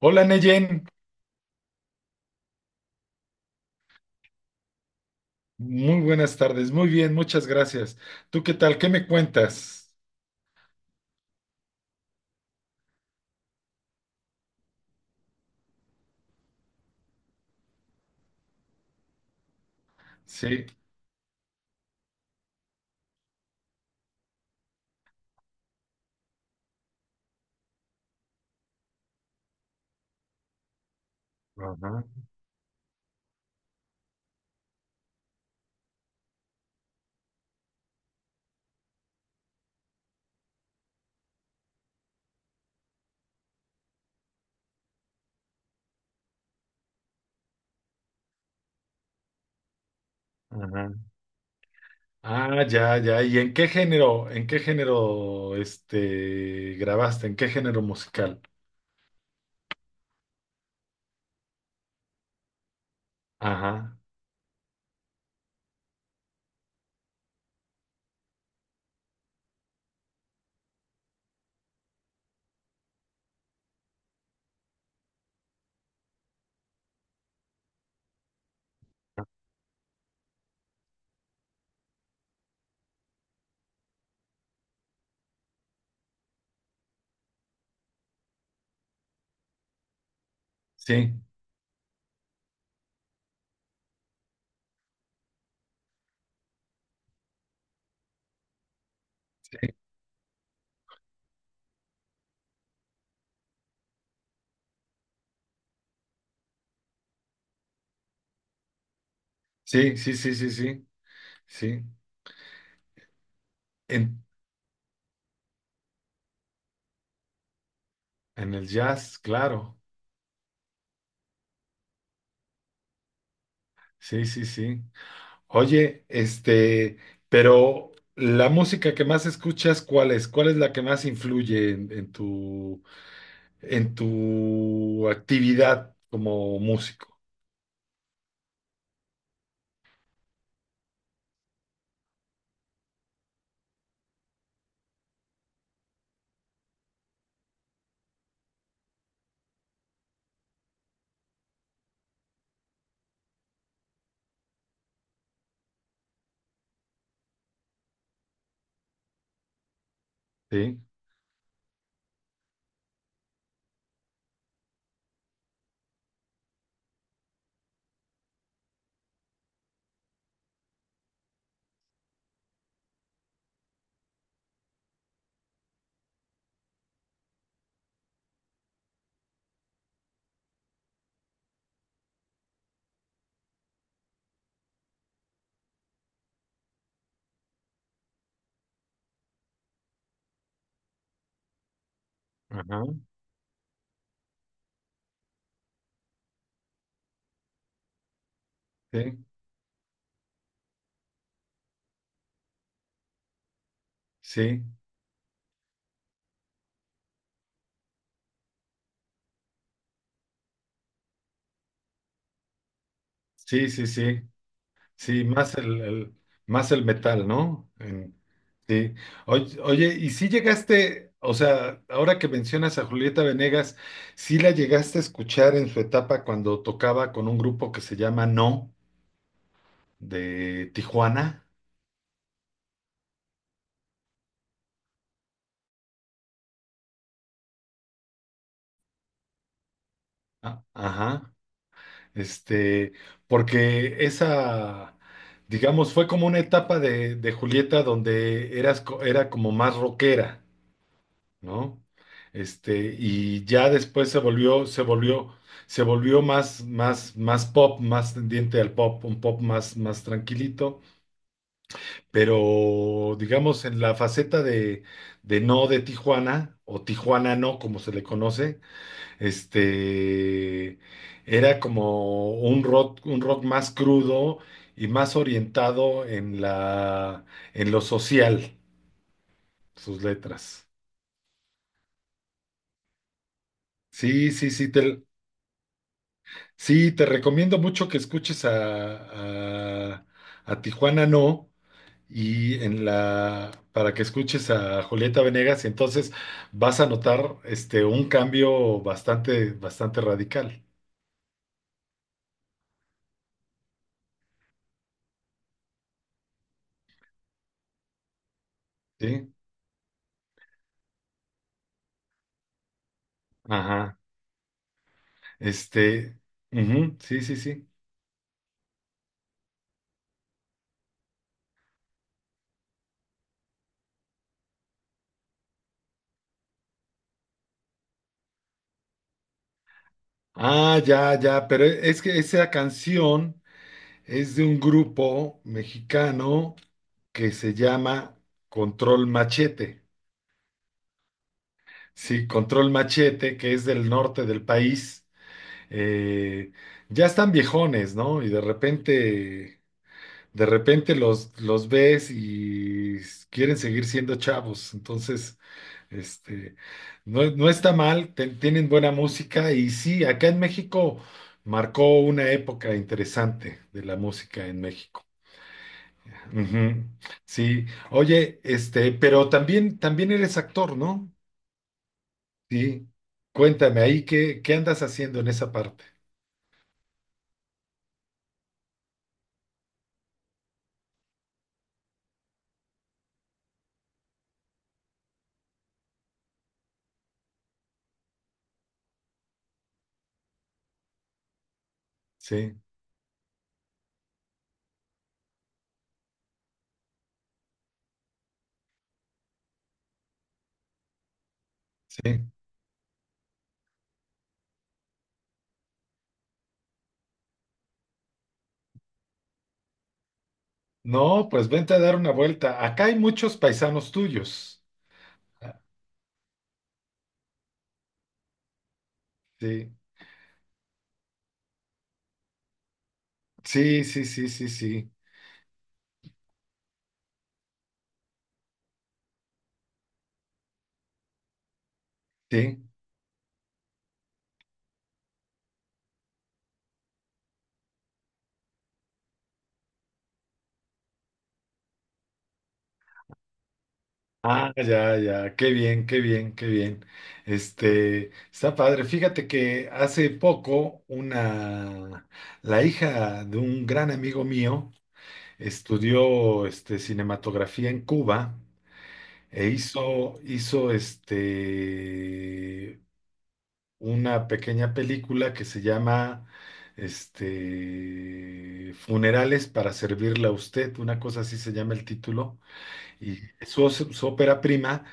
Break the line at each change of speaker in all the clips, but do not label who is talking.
Hola Neyen, muy buenas tardes, muy bien, muchas gracias. ¿Tú qué tal? ¿Qué me cuentas? Sí. Ajá, ajá. Ah, ya, ya. ¿Y en qué género, grabaste? ¿En qué género musical? Ajá. Sí, sí, sí, sí, sí, sí, sí. En, en el jazz, claro. Sí, sí, sí. Oye, pero la música que más escuchas, ¿cuál es? ¿Cuál es la que más influye en tu actividad como músico? ¿Sí? Ajá, sí, sí, sí, sí, sí, sí, más el metal, ¿no? Sí. Oye, oye, y si llegaste, o sea, ahora que mencionas a Julieta Venegas, ¿sí la llegaste a escuchar en su etapa cuando tocaba con un grupo que se llama No, de Tijuana? Ah, ajá. Este, porque esa, digamos, fue como una etapa de Julieta donde eras, era como más rockera, ¿no? Y ya después se volvió, se volvió más, más, más pop, más tendiente al pop, un pop más, más tranquilito, pero digamos en la faceta de no de Tijuana, o Tijuana no, como se le conoce. este era como un rock más crudo y más orientado en la, en lo social, sus letras. Sí, sí, sí, sí, te recomiendo mucho que escuches a Tijuana No y en la para que escuches a Julieta Venegas y entonces vas a notar un cambio bastante, bastante radical. ¿Sí? Ajá. Este, ujú, sí, sí, sí. Ah, ya, ya, pero es que esa canción es de un grupo mexicano que se llama Control Machete. Sí, Control Machete, que es del norte del país. Eh, ya están viejones, ¿no? Y de repente los ves y quieren seguir siendo chavos. Entonces, Este, no, no está mal, tienen buena música y sí, acá en México marcó una época interesante de la música en México. Ujú. Sí, oye, pero también, también eres actor, ¿no? Sí, cuéntame ahí qué, qué andas haciendo en esa parte. Sí, sí. No, pues vente a dar una vuelta. Acá hay muchos paisanos tuyos. Sí, sí, sí, sí, sí, sí. Sí. Ah, ya, ya, qué bien, qué bien, qué bien. Está padre. Fíjate que hace poco una, la hija de un gran amigo mío estudió cinematografía en Cuba e hizo, hizo una pequeña película que se llama Funerales para servirle a usted, una cosa así se llama el título, y es su, su ópera prima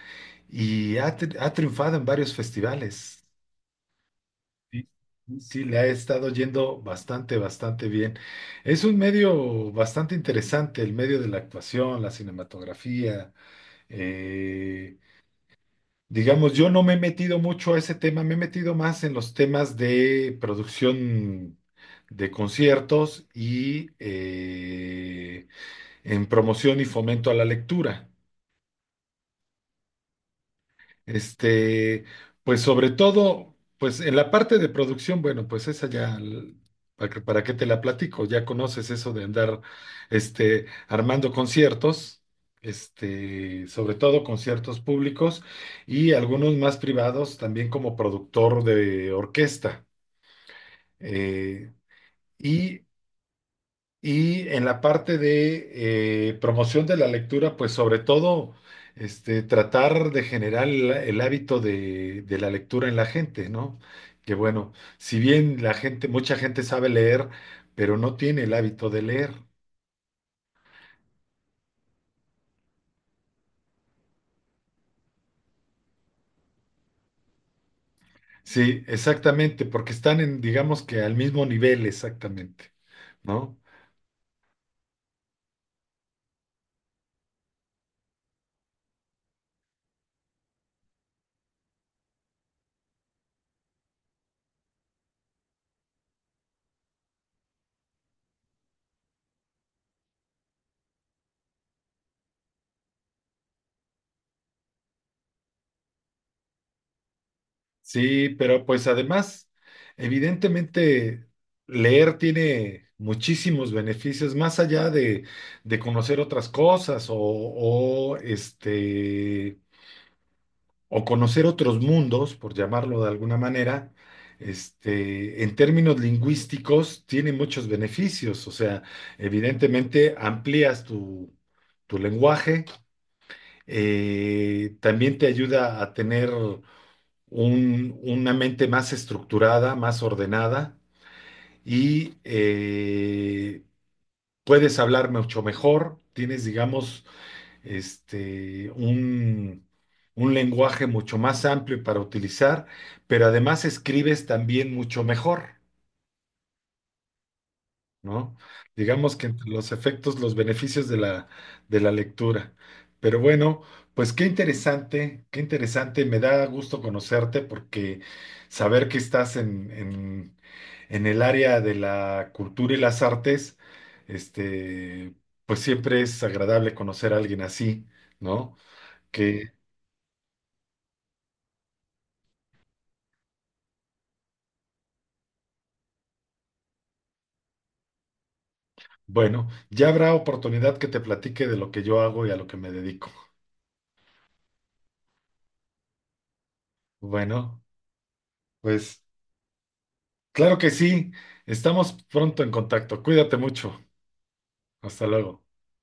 y ha, ha triunfado en varios festivales. Sí, sí, le ha estado yendo bastante, bastante bien. Es un medio bastante interesante, el medio de la actuación, la cinematografía. eh, digamos, yo no me he metido mucho a ese tema, me he metido más en los temas de producción de conciertos y en promoción y fomento a la lectura. Este, pues sobre todo, pues en la parte de producción, bueno, pues esa ya, ¿para qué, para qué te la platico? Ya conoces eso de andar, armando conciertos, sobre todo conciertos públicos y algunos más privados, también como productor de orquesta. Eh, y y en la parte de promoción de la lectura, pues sobre todo tratar de generar el hábito de la lectura en la gente, ¿no? Que bueno, si bien la gente, mucha gente sabe leer, pero no tiene el hábito de leer. Sí, exactamente, porque están en, digamos que al mismo nivel, exactamente, ¿no? Sí, pero pues además, evidentemente, leer tiene muchísimos beneficios, más allá de conocer otras cosas o, o conocer otros mundos, por llamarlo de alguna manera, en términos lingüísticos, tiene muchos beneficios. O sea, evidentemente amplías tu, tu lenguaje, también te ayuda a tener una mente más estructurada, más ordenada y puedes hablar mucho mejor, tienes, digamos, este, un, un lenguaje mucho más amplio para utilizar, pero además escribes también mucho mejor. ¿No? Digamos que entre los efectos, los beneficios de la lectura. Pero bueno, pues qué interesante, me da gusto conocerte porque saber que estás en el área de la cultura y las artes, este, pues siempre es agradable conocer a alguien así, ¿no? Que, bueno, ya habrá oportunidad que te platique de lo que yo hago y a lo que me dedico. Bueno, pues... Claro que sí. Estamos pronto en contacto. Cuídate mucho. Hasta luego.